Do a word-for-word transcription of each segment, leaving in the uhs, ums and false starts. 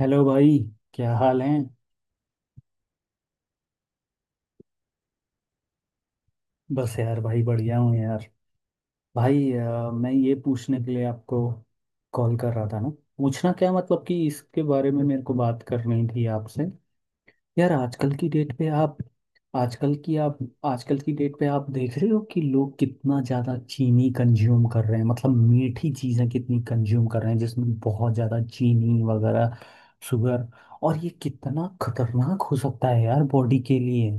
Hello भाई। क्या हाल है? बस यार भाई, बढ़िया हूँ यार। भाई अ, मैं ये पूछने के लिए आपको कॉल कर रहा था ना। पूछना, क्या मतलब कि इसके बारे में मेरे को बात करनी थी आपसे। यार आजकल की डेट पे आप, आजकल की आप, आजकल की डेट पे आप देख रहे हो कि लोग कितना ज़्यादा चीनी कंज्यूम कर रहे हैं, मतलब मीठी चीज़ें कितनी कंज्यूम कर रहे हैं जिसमें बहुत ज़्यादा चीनी वगैरह, शुगर। और ये कितना खतरनाक हो सकता है यार बॉडी के लिए?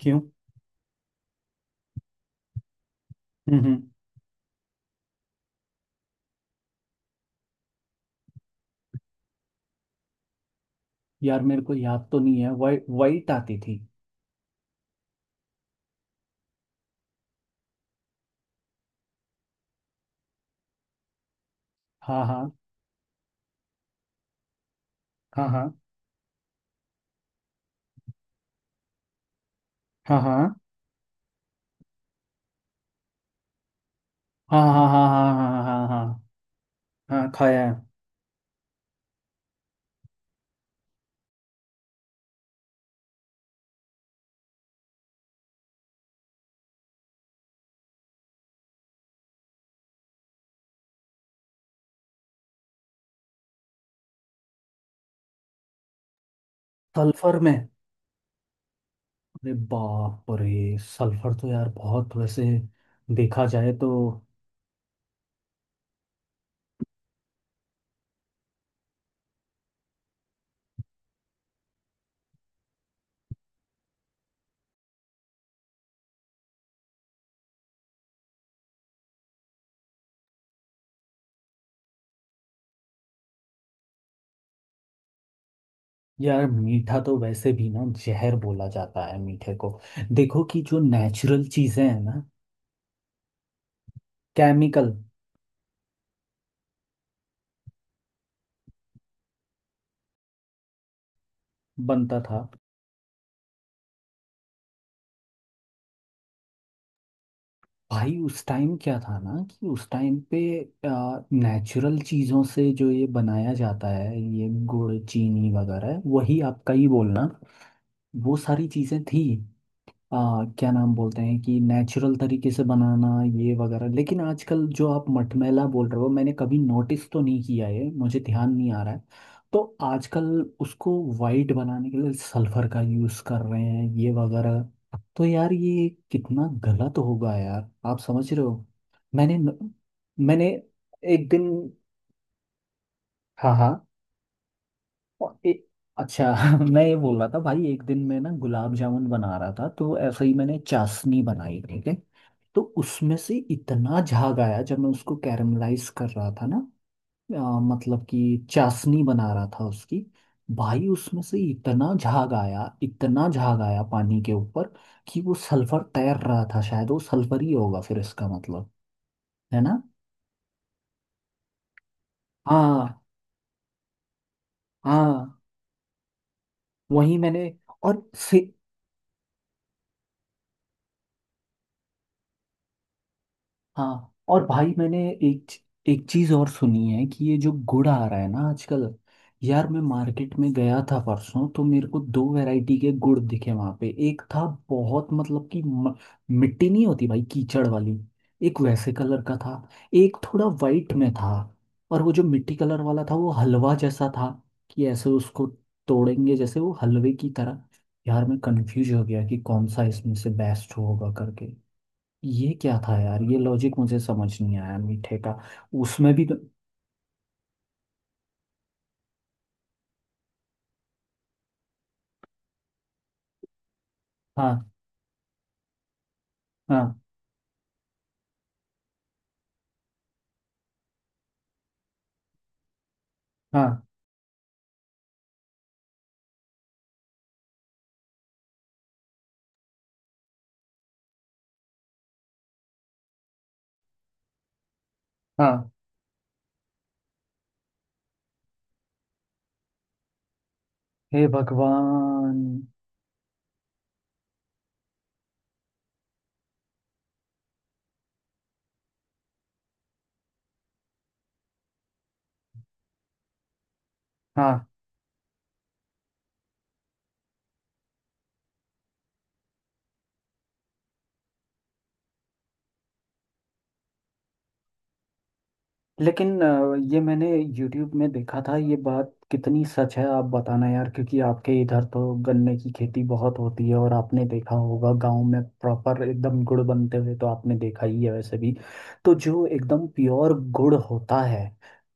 क्यों? हम्म। हम्म। यार मेरे को याद तो नहीं है, वाइट वाइट आती थी। हाँ हाँ हाँ हाँ हाँ। हाँ हाँ हाँ हाँ। हाँ हाँ हाँ हाँ हाँ, हाँ, खाया है। सल्फर में? अरे बाप रे, सल्फर तो यार बहुत वैसे देखा जाए तो। यार मीठा तो वैसे भी ना जहर बोला जाता है मीठे को। देखो कि जो नेचुरल चीजें हैं ना। केमिकल। बनता था। भाई उस टाइम क्या था ना कि उस टाइम पे नेचुरल चीज़ों से जो ये बनाया जाता है ये, गुड़ चीनी वगैरह, वही आपका ही बोलना। वो सारी चीज़ें थी। आ, क्या नाम बोलते हैं कि नेचुरल तरीके से बनाना ये वगैरह। लेकिन आजकल जो आप मटमैला बोल रहे हो, मैंने कभी नोटिस तो नहीं किया है, मुझे ध्यान नहीं आ रहा है। तो आजकल उसको वाइट बनाने के लिए सल्फर का यूज़ कर रहे हैं ये वगैरह। तो यार ये कितना गलत होगा यार, आप समझ रहे हो। मैंने मैंने एक दिन। हाँ हाँ। और ए- अच्छा। मैं ये बोल रहा था भाई, एक दिन मैं ना गुलाब जामुन बना रहा था, तो ऐसे ही मैंने चाशनी बनाई, ठीक है। तो उसमें से इतना झाग आया जब मैं उसको कैरमलाइज कर रहा था ना। आ, मतलब कि चाशनी बना रहा था उसकी। भाई उसमें से इतना झाग आया, इतना झाग आया पानी के ऊपर कि वो सल्फर तैर रहा था, शायद वो सल्फर ही होगा, फिर इसका मतलब है ना। हाँ हाँ। वही मैंने। और से। हाँ, और भाई मैंने एक एक चीज़ और सुनी है कि ये जो गुड़ आ रहा है ना आजकल, यार मैं मार्केट में गया था परसों, तो मेरे को दो वैरायटी के गुड़ दिखे वहाँ पे। एक था बहुत, मतलब कि म- मिट्टी नहीं होती भाई कीचड़ वाली, एक वैसे कलर का था। एक थोड़ा वाइट में था। और वो जो मिट्टी कलर वाला था वो हलवा जैसा था, कि ऐसे उसको तोड़ेंगे जैसे वो हलवे की तरह। यार मैं कंफ्यूज हो गया कि कौन सा इसमें से बेस्ट होगा करके। ये क्या था यार, ये लॉजिक मुझे समझ नहीं आया मीठे का। उसमें भी तो। हाँ हाँ। हाँ हाँ। हे भगवान। हाँ। लेकिन अ, ये मैंने YouTube में देखा था। ये बात कितनी सच है आप बताना यार, क्योंकि आपके इधर तो गन्ने की खेती बहुत होती है और आपने देखा होगा गांव में प्रॉपर एकदम गुड़ बनते हुए, तो आपने देखा ही है वैसे भी। तो जो एकदम प्योर गुड़ होता है,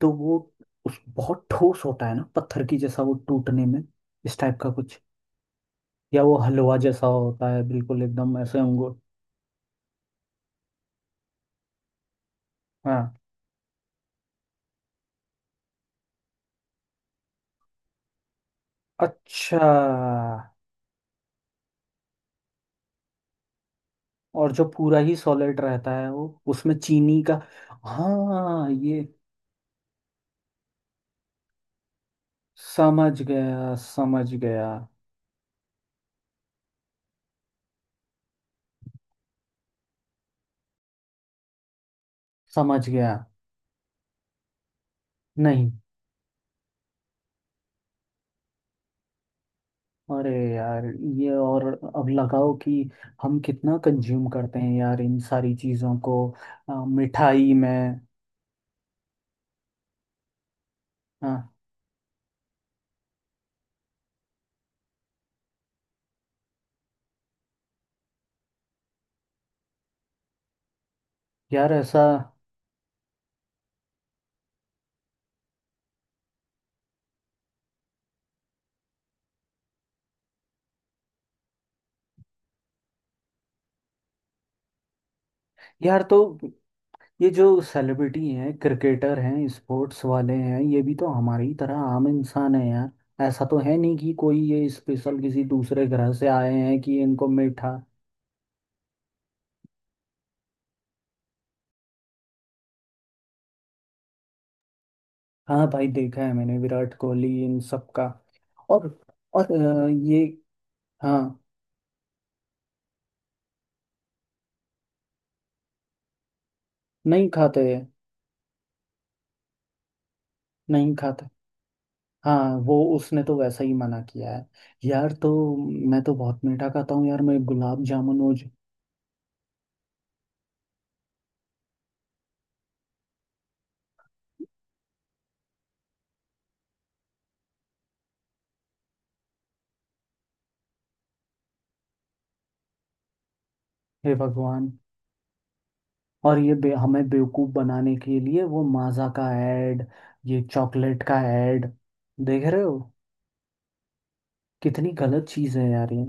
तो वो, उस बहुत ठोस होता है ना पत्थर की जैसा, वो टूटने में इस टाइप का कुछ, या वो हलवा जैसा होता है बिल्कुल एकदम ऐसे अंगूर। हाँ। अच्छा। और जो पूरा ही सॉलिड रहता है वो उसमें चीनी का, हाँ ये। समझ गया समझ गया समझ गया। नहीं। अरे यार, ये और अब लगाओ कि हम कितना कंज्यूम करते हैं यार इन सारी चीज़ों को, अ, मिठाई में। हाँ। यार ऐसा। यार तो ये जो सेलिब्रिटी हैं, क्रिकेटर हैं, स्पोर्ट्स वाले हैं, ये भी तो हमारी तरह आम इंसान है यार। ऐसा तो है नहीं कि कोई ये स्पेशल किसी दूसरे ग्रह से आए हैं कि इनको मीठा। हाँ भाई, देखा है मैंने विराट कोहली इन सब का। और और अ, ये। हाँ। नहीं खाते हैं। नहीं खाते। हाँ, वो उसने तो वैसा ही मना किया है। यार तो मैं तो बहुत मीठा खाता हूँ यार, मैं गुलाब जामुन रोज। हे भगवान। और ये बे, हमें बेवकूफ बनाने के लिए वो माजा का ऐड, ये चॉकलेट का ऐड, देख रहे हो कितनी गलत चीज है यार ये।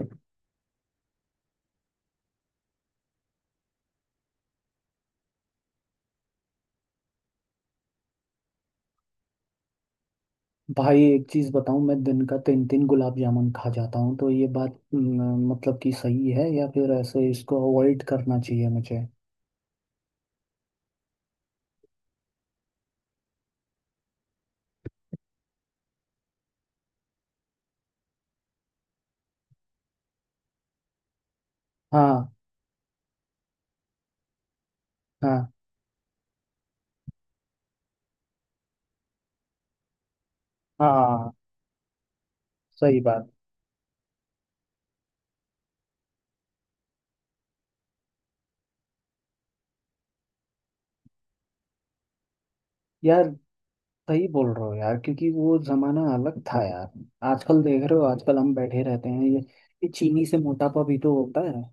भाई एक चीज बताऊं, मैं दिन का तीन तीन गुलाब जामुन खा जाता हूँ, तो ये बात न, मतलब कि सही है या फिर ऐसे इसको अवॉइड करना चाहिए मुझे? हाँ हाँ। हाँ, सही बात। यार, सही बोल रहे हो यार, क्योंकि वो जमाना अलग था यार। आजकल देख रहे हो, आजकल हम बैठे रहते हैं ये। ये चीनी से मोटापा भी तो होता है।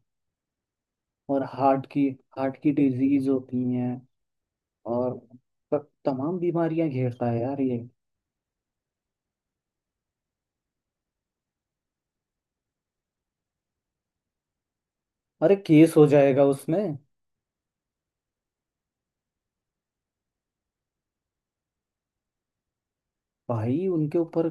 और हार्ट की, हार्ट की डिजीज होती हैं। और प- तमाम बीमारियां घेरता है यार ये। अरे केस हो जाएगा उसमें। भाई उनके ऊपर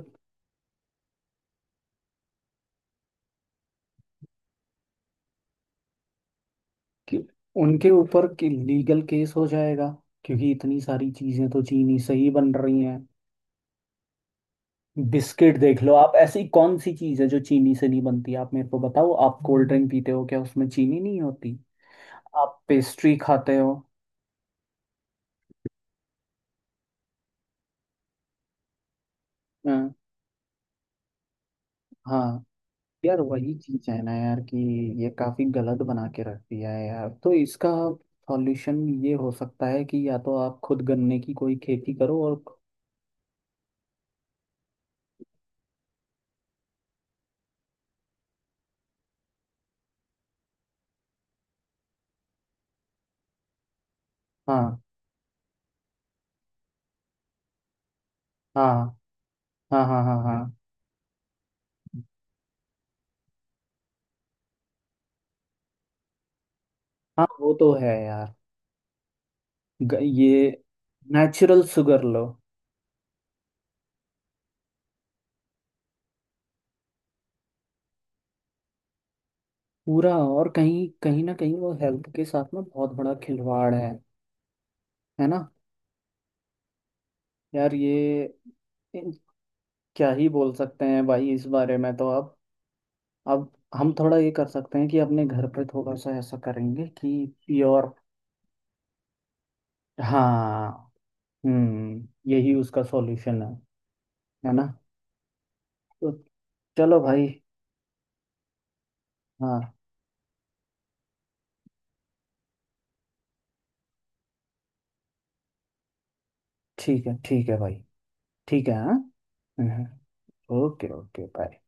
कि- उनके ऊपर कि लीगल केस हो जाएगा, क्योंकि इतनी सारी चीजें तो चीनी से ही बन रही हैं। बिस्किट देख लो आप, ऐसी कौन सी चीज है जो चीनी से नहीं बनती, आप मेरे को बताओ। आप कोल्ड ड्रिंक पीते हो, क्या उसमें चीनी नहीं होती? आप पेस्ट्री खाते हो। हाँ। हाँ। यार वही चीज है ना यार, कि ये काफी गलत बना के रख दिया है यार। तो इसका सॉल्यूशन ये हो सकता है कि या तो आप खुद गन्ने की कोई खेती करो, और हाँ। हाँ हाँ हाँ हाँ। हाँ, हाँ वो तो है यार। ग, ये नेचुरल शुगर लो। पूरा, और कहीं कहीं ना कहीं वो हेल्थ के साथ में बहुत बड़ा खिलवाड़ है है ना। यार ये इन- क्या ही बोल सकते हैं भाई इस बारे में, तो आप, अब हम थोड़ा ये कर सकते हैं कि अपने घर पे थोड़ा सा ऐसा करेंगे कि प्योर। हाँ। हम्म, यही उसका सॉल्यूशन है है ना। तो चलो भाई। हाँ, ठीक है। ठीक है भाई, ठीक है। हाँ। हम्म। Okay okay, bye.